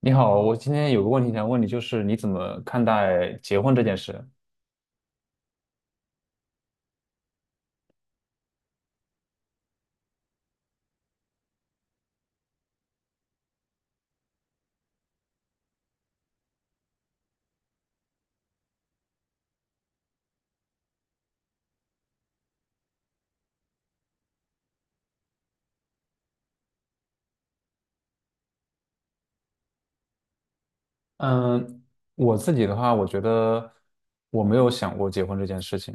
你好，我今天有个问题想问你，就是你怎么看待结婚这件事？嗯，我自己的话，我觉得我没有想过结婚这件事情，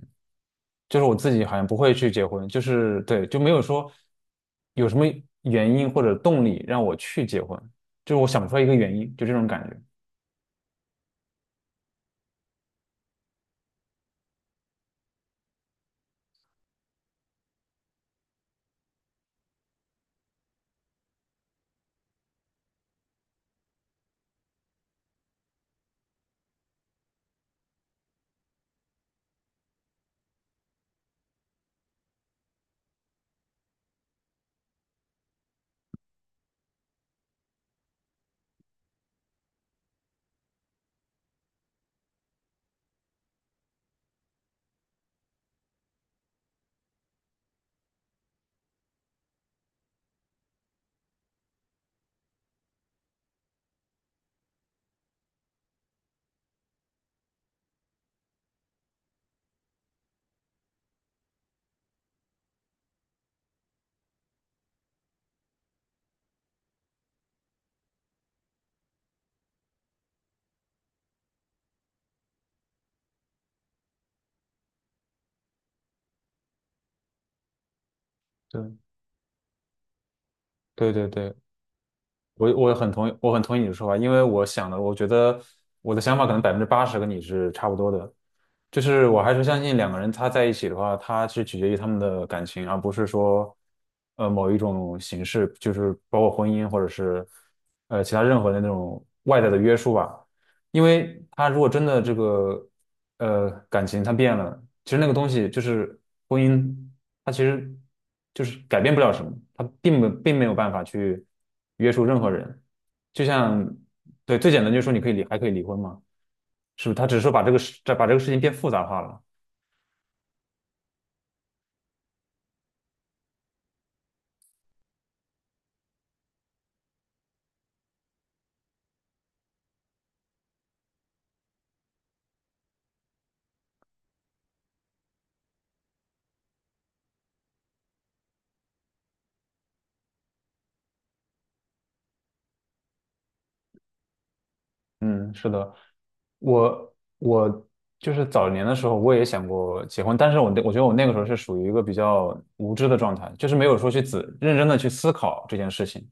就是我自己好像不会去结婚，就是对，就没有说有什么原因或者动力让我去结婚，就是我想不出来一个原因，就这种感觉。对，对对对，我很同意，我很同意你的说法，因为我想的，我觉得我的想法可能80%跟你是差不多的，就是我还是相信两个人他在一起的话，他是取决于他们的感情，而不是说某一种形式，就是包括婚姻或者是其他任何的那种外在的约束吧。因为他如果真的这个感情他变了，其实那个东西就是婚姻。他其实就是改变不了什么，他并没有办法去约束任何人。就像对最简单就是说你可以离还可以离婚嘛，是不是？他只是说把这个事情变复杂化了。嗯，是的，我就是早年的时候我也想过结婚，但是我觉得我那个时候是属于一个比较无知的状态，就是没有说去认真的去思考这件事情。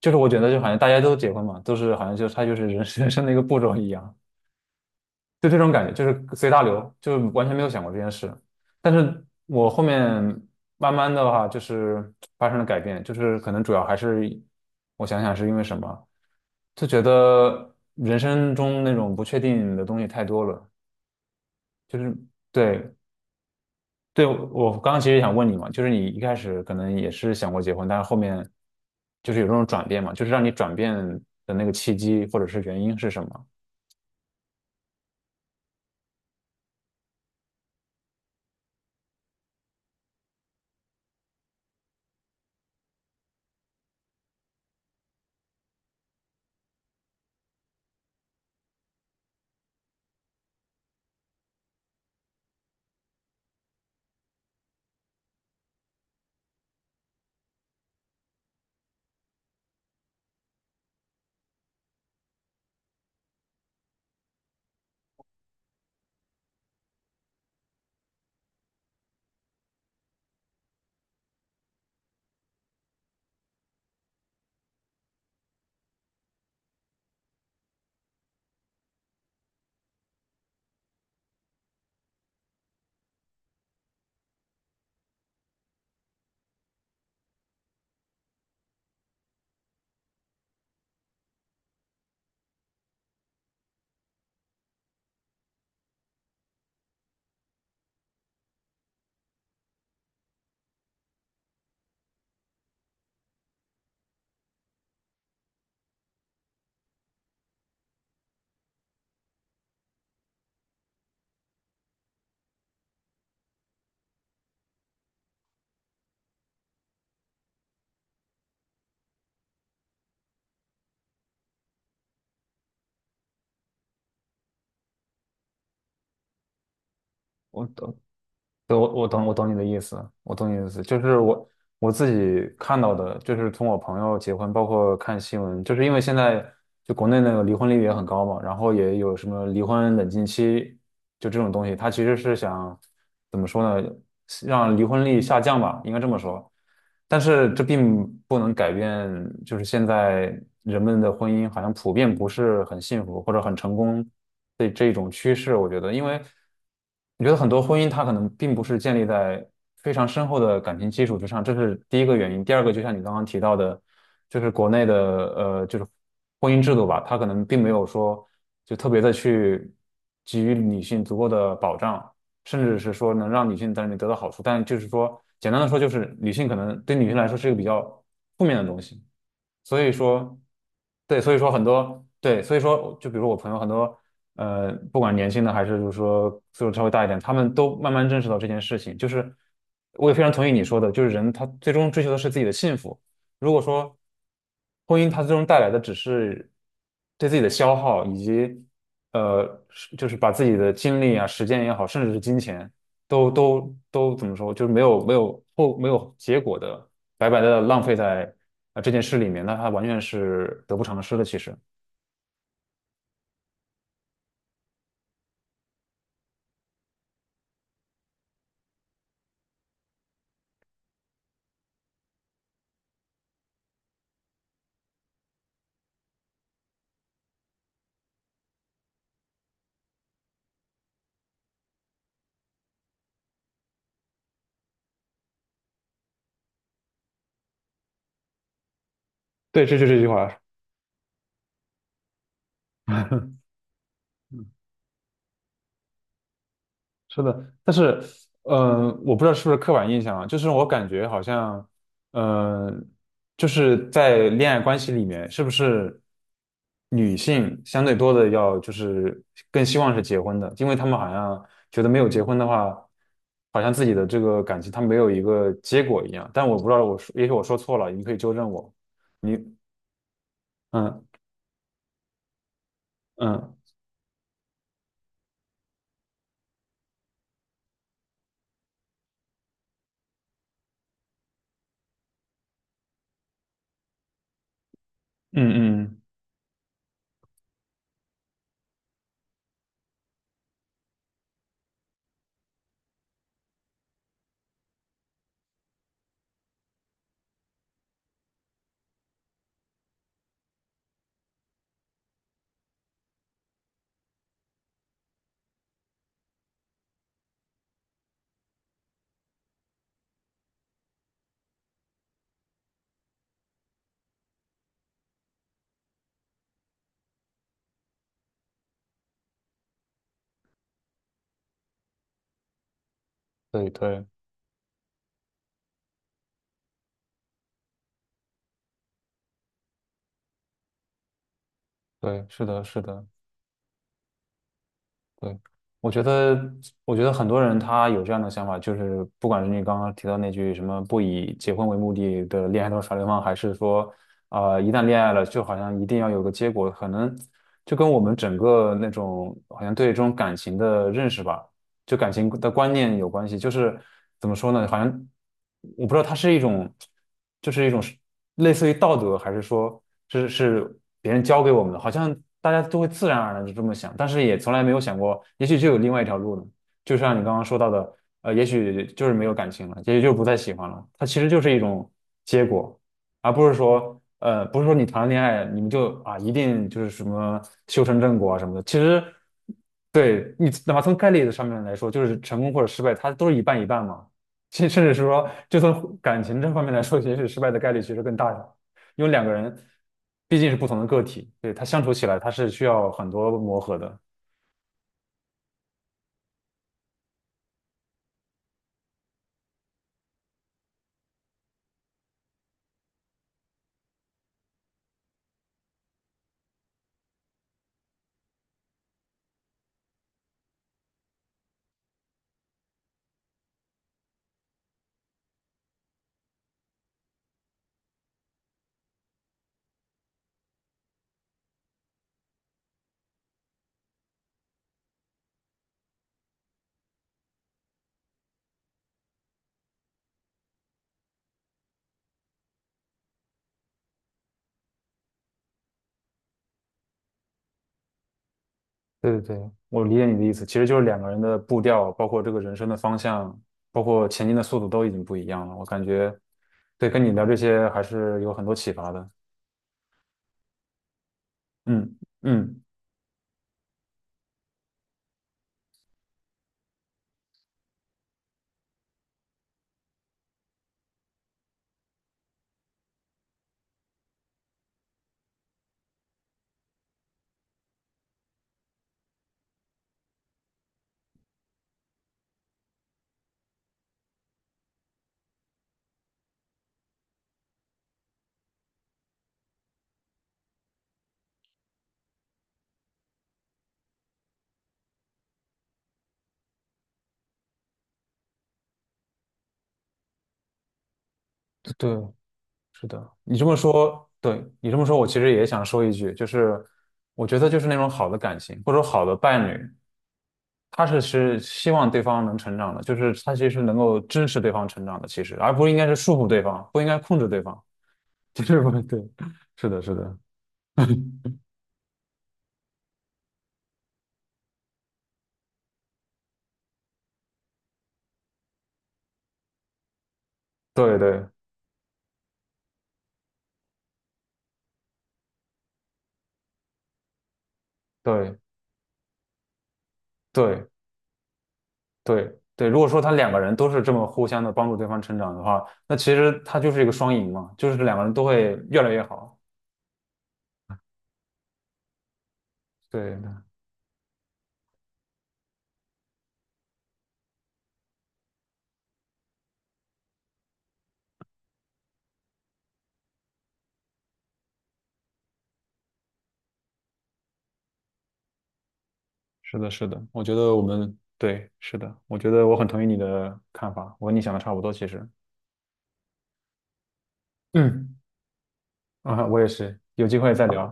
就是我觉得就好像大家都结婚嘛，都是好像就他就是人 人生的一个步骤一样。就这种感觉，就是随大流，就完全没有想过这件事。但是我后面慢慢的话，就是发生了改变，就是可能主要还是我想想是因为什么，就觉得人生中那种不确定的东西太多了，就是对对，我刚刚其实想问你嘛，就是你一开始可能也是想过结婚，但是后面就是有这种转变嘛，就是让你转变的那个契机或者是原因是什么？我对，我懂你的意思，我懂你的意思，就是我自己看到的，就是从我朋友结婚，包括看新闻，就是因为现在就国内那个离婚率也很高嘛，然后也有什么离婚冷静期，就这种东西，它其实是想怎么说呢，让离婚率下降吧，应该这么说，但是这并不能改变，就是现在人们的婚姻好像普遍不是很幸福或者很成功的这种趋势，我觉得，因为。你觉得很多婚姻它可能并不是建立在非常深厚的感情基础之上，这是第一个原因。第二个，就像你刚刚提到的，就是国内的就是婚姻制度吧，它可能并没有说就特别的去给予女性足够的保障，甚至是说能让女性在里面得到好处。但就是说，简单的说，就是女性可能对女性来说是一个比较负面的东西。所以说，对，所以说很多，对，所以说，就比如我朋友很多，不管年轻的还是就是说岁数稍微大一点，他们都慢慢认识到这件事情。就是我也非常同意你说的，就是人他最终追求的是自己的幸福。如果说婚姻它最终带来的只是对自己的消耗，以及是就是把自己的精力啊、时间也好，甚至是金钱，都怎么说，就是没有结果的白白的浪费在啊这件事里面，那他完全是得不偿失的。其实，对，这句话。是的，但是，我不知道是不是刻板印象啊，就是我感觉好像，嗯、就是在恋爱关系里面，是不是女性相对多的要就是更希望是结婚的，因为他们好像觉得没有结婚的话，好像自己的这个感情它没有一个结果一样。但我不知道我说，也许我说错了，你可以纠正我。你，嗯嗯嗯嗯，对对对，是的，是的，对，我觉得，我觉得很多人他有这样的想法，就是不管是你刚刚提到那句什么不以结婚为目的的恋爱都是耍流氓，还是说，一旦恋爱了，就好像一定要有个结果，可能就跟我们整个那种好像对这种感情的认识吧，就感情的观念有关系，就是怎么说呢？好像我不知道它是一种，就是一种是类似于道德，还是说是别人教给我们的？好像大家都会自然而然就这么想，但是也从来没有想过，也许就有另外一条路呢。就像你刚刚说到的，也许就是没有感情了，也许就不再喜欢了，它其实就是一种结果。而不是说，不是说你谈了恋爱，你们就啊，一定就是什么修成正果啊什么的。其实对你哪怕从概率的上面来说，就是成功或者失败，它都是一半一半嘛。甚至是说，就从感情这方面来说，也许失败的概率其实更大一点，因为两个人毕竟是不同的个体，对，他相处起来他是需要很多磨合的。对对对，我理解你的意思，其实就是两个人的步调，包括这个人生的方向，包括前进的速度都已经不一样了。我感觉，对，跟你聊这些还是有很多启发的。嗯嗯，对，是的，你这么说，对，你这么说，我其实也想说一句，就是我觉得就是那种好的感情，或者说好的伴侣，是希望对方能成长的，就是他其实能够支持对方成长的，其实，而不应该是束缚对方，不应该控制对方，就是不对，是的，是的，对对对对对对。如果说他两个人都是这么互相的帮助对方成长的话，那其实他就是一个双赢嘛，就是两个人都会越来越好。对，是的，是的，我觉得我们对，是的，我觉得我很同意你的看法，我跟你想的差不多，其实。嗯，啊，我也是，有机会再聊。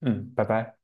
嗯，拜拜。